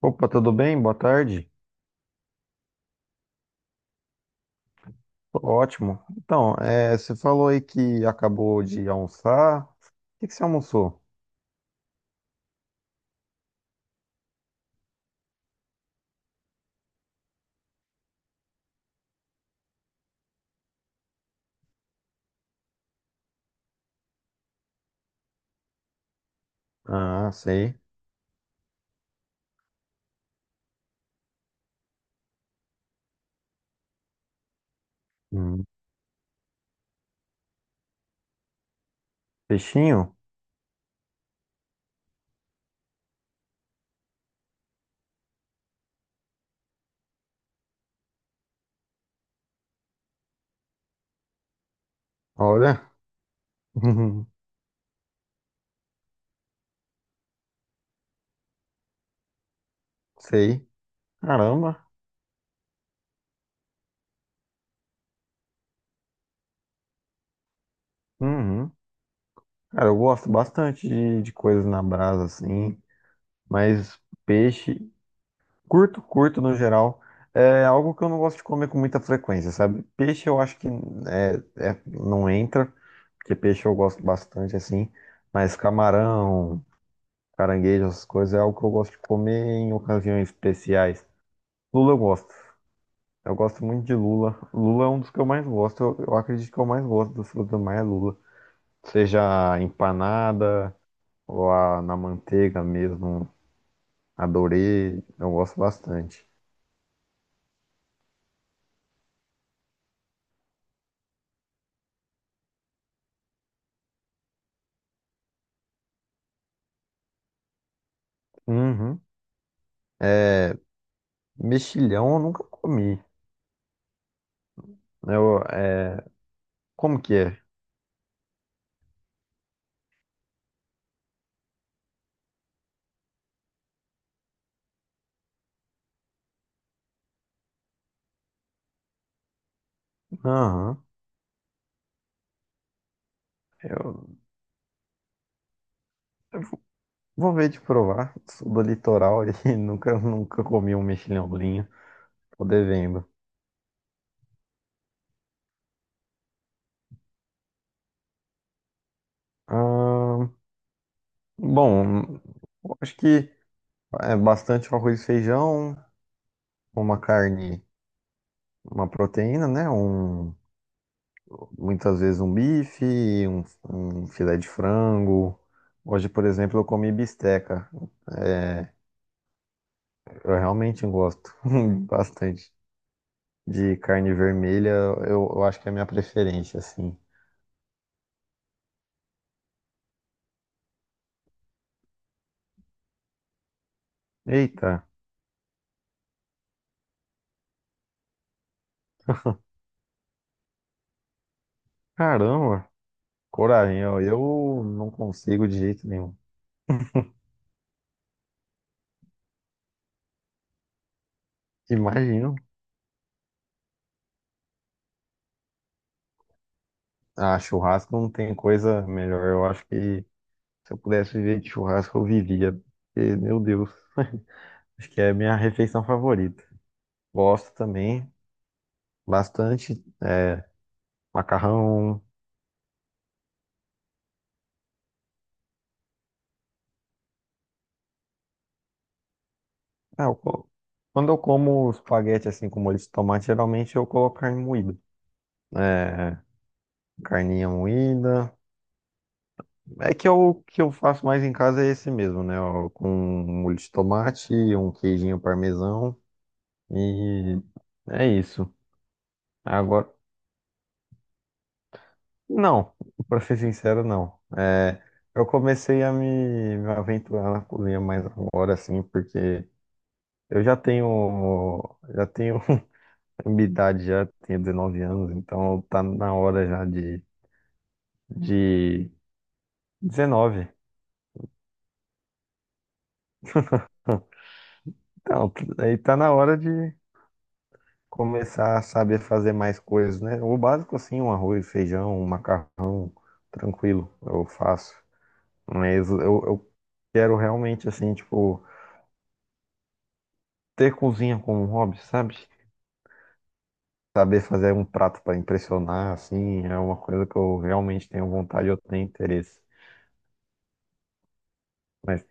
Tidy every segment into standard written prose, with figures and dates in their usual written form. Opa, tudo bem? Boa tarde. Tô ótimo. Então, você falou aí que acabou de almoçar. O que que você almoçou? Ah, sei. Hum. Peixinho? Olha. Sei. Caramba. Uhum. Cara, eu gosto bastante de coisas na brasa, assim. Mas peixe. Curto, curto no geral. É algo que eu não gosto de comer com muita frequência, sabe? Peixe eu acho que é, não entra, porque peixe eu gosto bastante assim, mas camarão, caranguejo, essas coisas é algo que eu gosto de comer em ocasiões especiais. Lula eu gosto. Eu gosto muito de lula. Lula é um dos que eu mais gosto. Eu acredito que eu mais gosto do fruto do mar é lula. Seja empanada ou na manteiga mesmo. Adorei. Eu gosto bastante. Uhum. Mexilhão eu nunca comi. Né? Como que é? Aham. Eu, eu vou ver de provar. Sou do litoral e nunca, nunca comi um mexilhãozinho. Tô devendo. Ah, bom, eu acho que é bastante arroz e feijão, uma carne, uma proteína, né? Muitas vezes um bife, um filé de frango. Hoje, por exemplo, eu comi bisteca. É, eu realmente gosto bastante de carne vermelha. Eu acho que é a minha preferência, assim. Eita, caramba, coragem, ó, eu não consigo de jeito nenhum. Imagino, ah, churrasco não tem coisa melhor. Eu acho que se eu pudesse viver de churrasco, eu vivia. Porque, meu Deus, acho que é a minha refeição favorita. Gosto também bastante, é, macarrão. Ah, eu co- quando eu como espaguete assim com molho de tomate, geralmente eu coloco carne moída. É, carninha moída. É que o que eu faço mais em casa é esse mesmo, né? Ó, com um molho de tomate, um queijinho parmesão e é isso. Agora, não, pra ser sincero, não. É, eu comecei a me aventurar na cozinha mais agora, assim, porque já tenho minha idade, já tenho 19 anos, então tá na hora já de 19. Então, aí tá na hora de começar a saber fazer mais coisas, né? O básico, assim, um arroz, feijão, um macarrão, tranquilo, eu faço. Mas eu quero realmente, assim, tipo, ter cozinha como um hobby, sabe? Saber fazer um prato para impressionar, assim, é uma coisa que eu realmente tenho vontade, eu tenho interesse. Mas,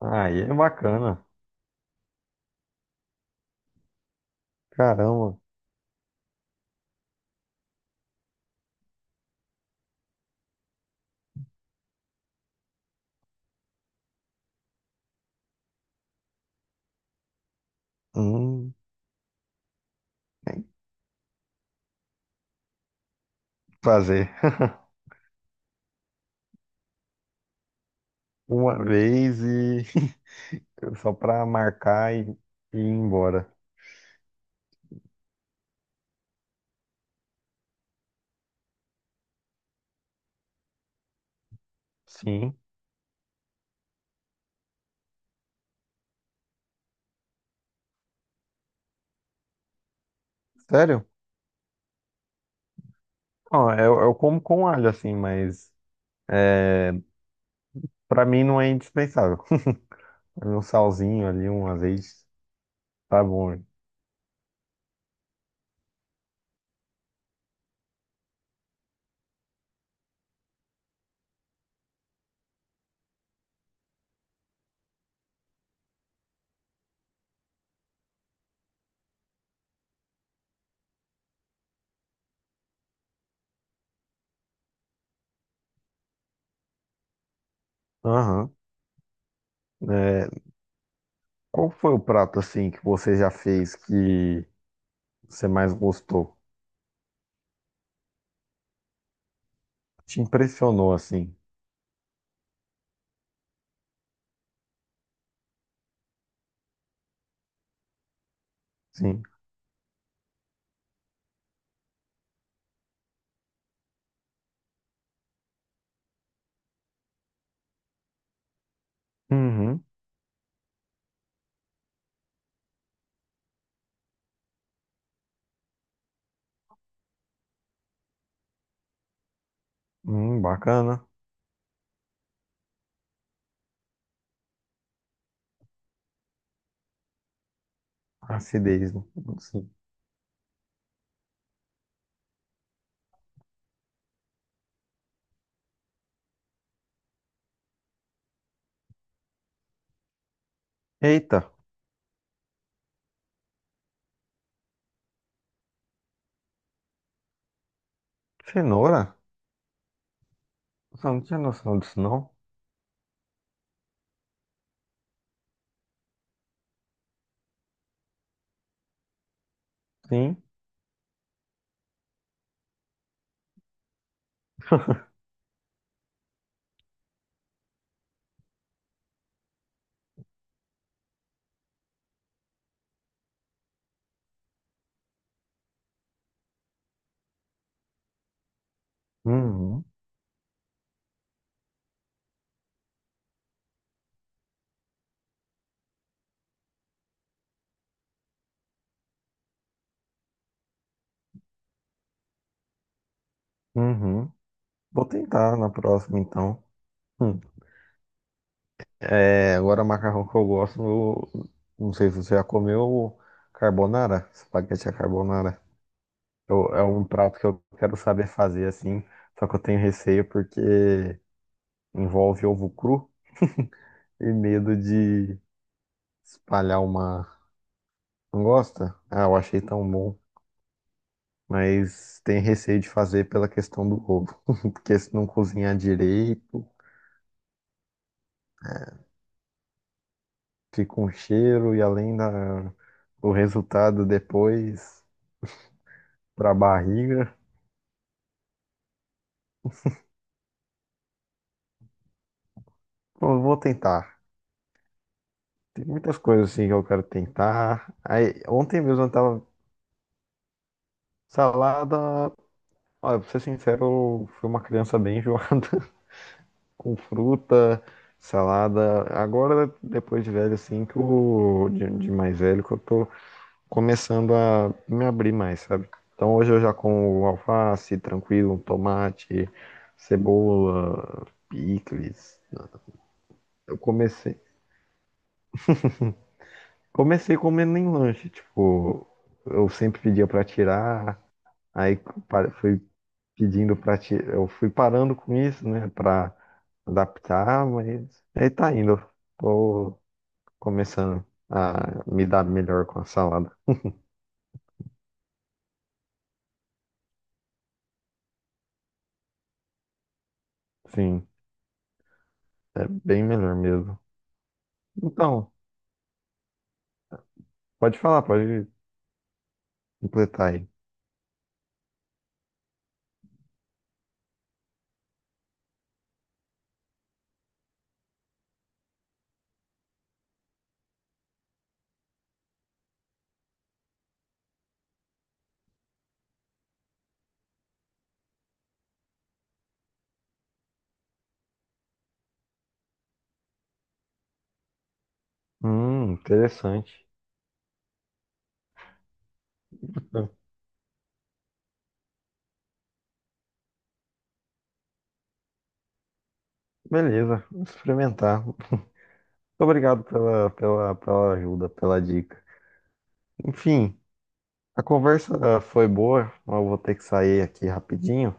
aí é bacana, caramba, hum, tem que fazer uma vez e só pra e ir embora. Sim, sério? Ó, eu como com alho, assim, mas pra mim não é indispensável. Um salzinho ali, um azeite, tá bom. Aham. É, qual foi o prato, assim, que você já fez que você mais gostou? Te impressionou, assim? Sim. Uhum. Bacana. Acidez, né? Sim. Eita, cenoura? Eu não tinha noção disso, não? Sim. Uhum. Uhum. Vou tentar na próxima, então. Hum. É, agora macarrão que eu gosto, eu não sei se você já comeu carbonara, espaguete à carbonara. É um prato que eu quero saber fazer assim, só que eu tenho receio porque envolve ovo cru e medo de espalhar uma gosta. Ah, eu achei tão bom, mas tenho receio de fazer pela questão do ovo, porque se não cozinhar direito, fica um cheiro e além do resultado depois para a barriga. Pô, eu vou tentar. Tem muitas coisas assim que eu quero tentar. Aí, ontem mesmo eu tava salada. Olha, pra ser sincero, eu fui uma criança bem enjoada com fruta, salada. Agora, depois de velho, assim, de mais velho, que eu tô começando a me abrir mais, sabe? Então hoje eu já como alface, tranquilo, tomate, cebola, picles. Eu comecei Comecei comendo em lanche, tipo, eu sempre pedia pra tirar, aí fui pedindo pra tirar, eu fui parando com isso, né, pra adaptar, mas aí tá indo. Tô começando a me dar melhor com a salada. Sim, é bem melhor mesmo. Então, pode falar, pode completar aí. Interessante. Beleza, vou experimentar. Muito obrigado pela ajuda, pela dica. Enfim. A conversa, ah, foi boa, mas eu vou ter que sair aqui rapidinho.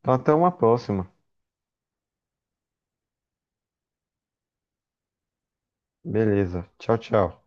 Então, até uma próxima. Beleza. Tchau, tchau.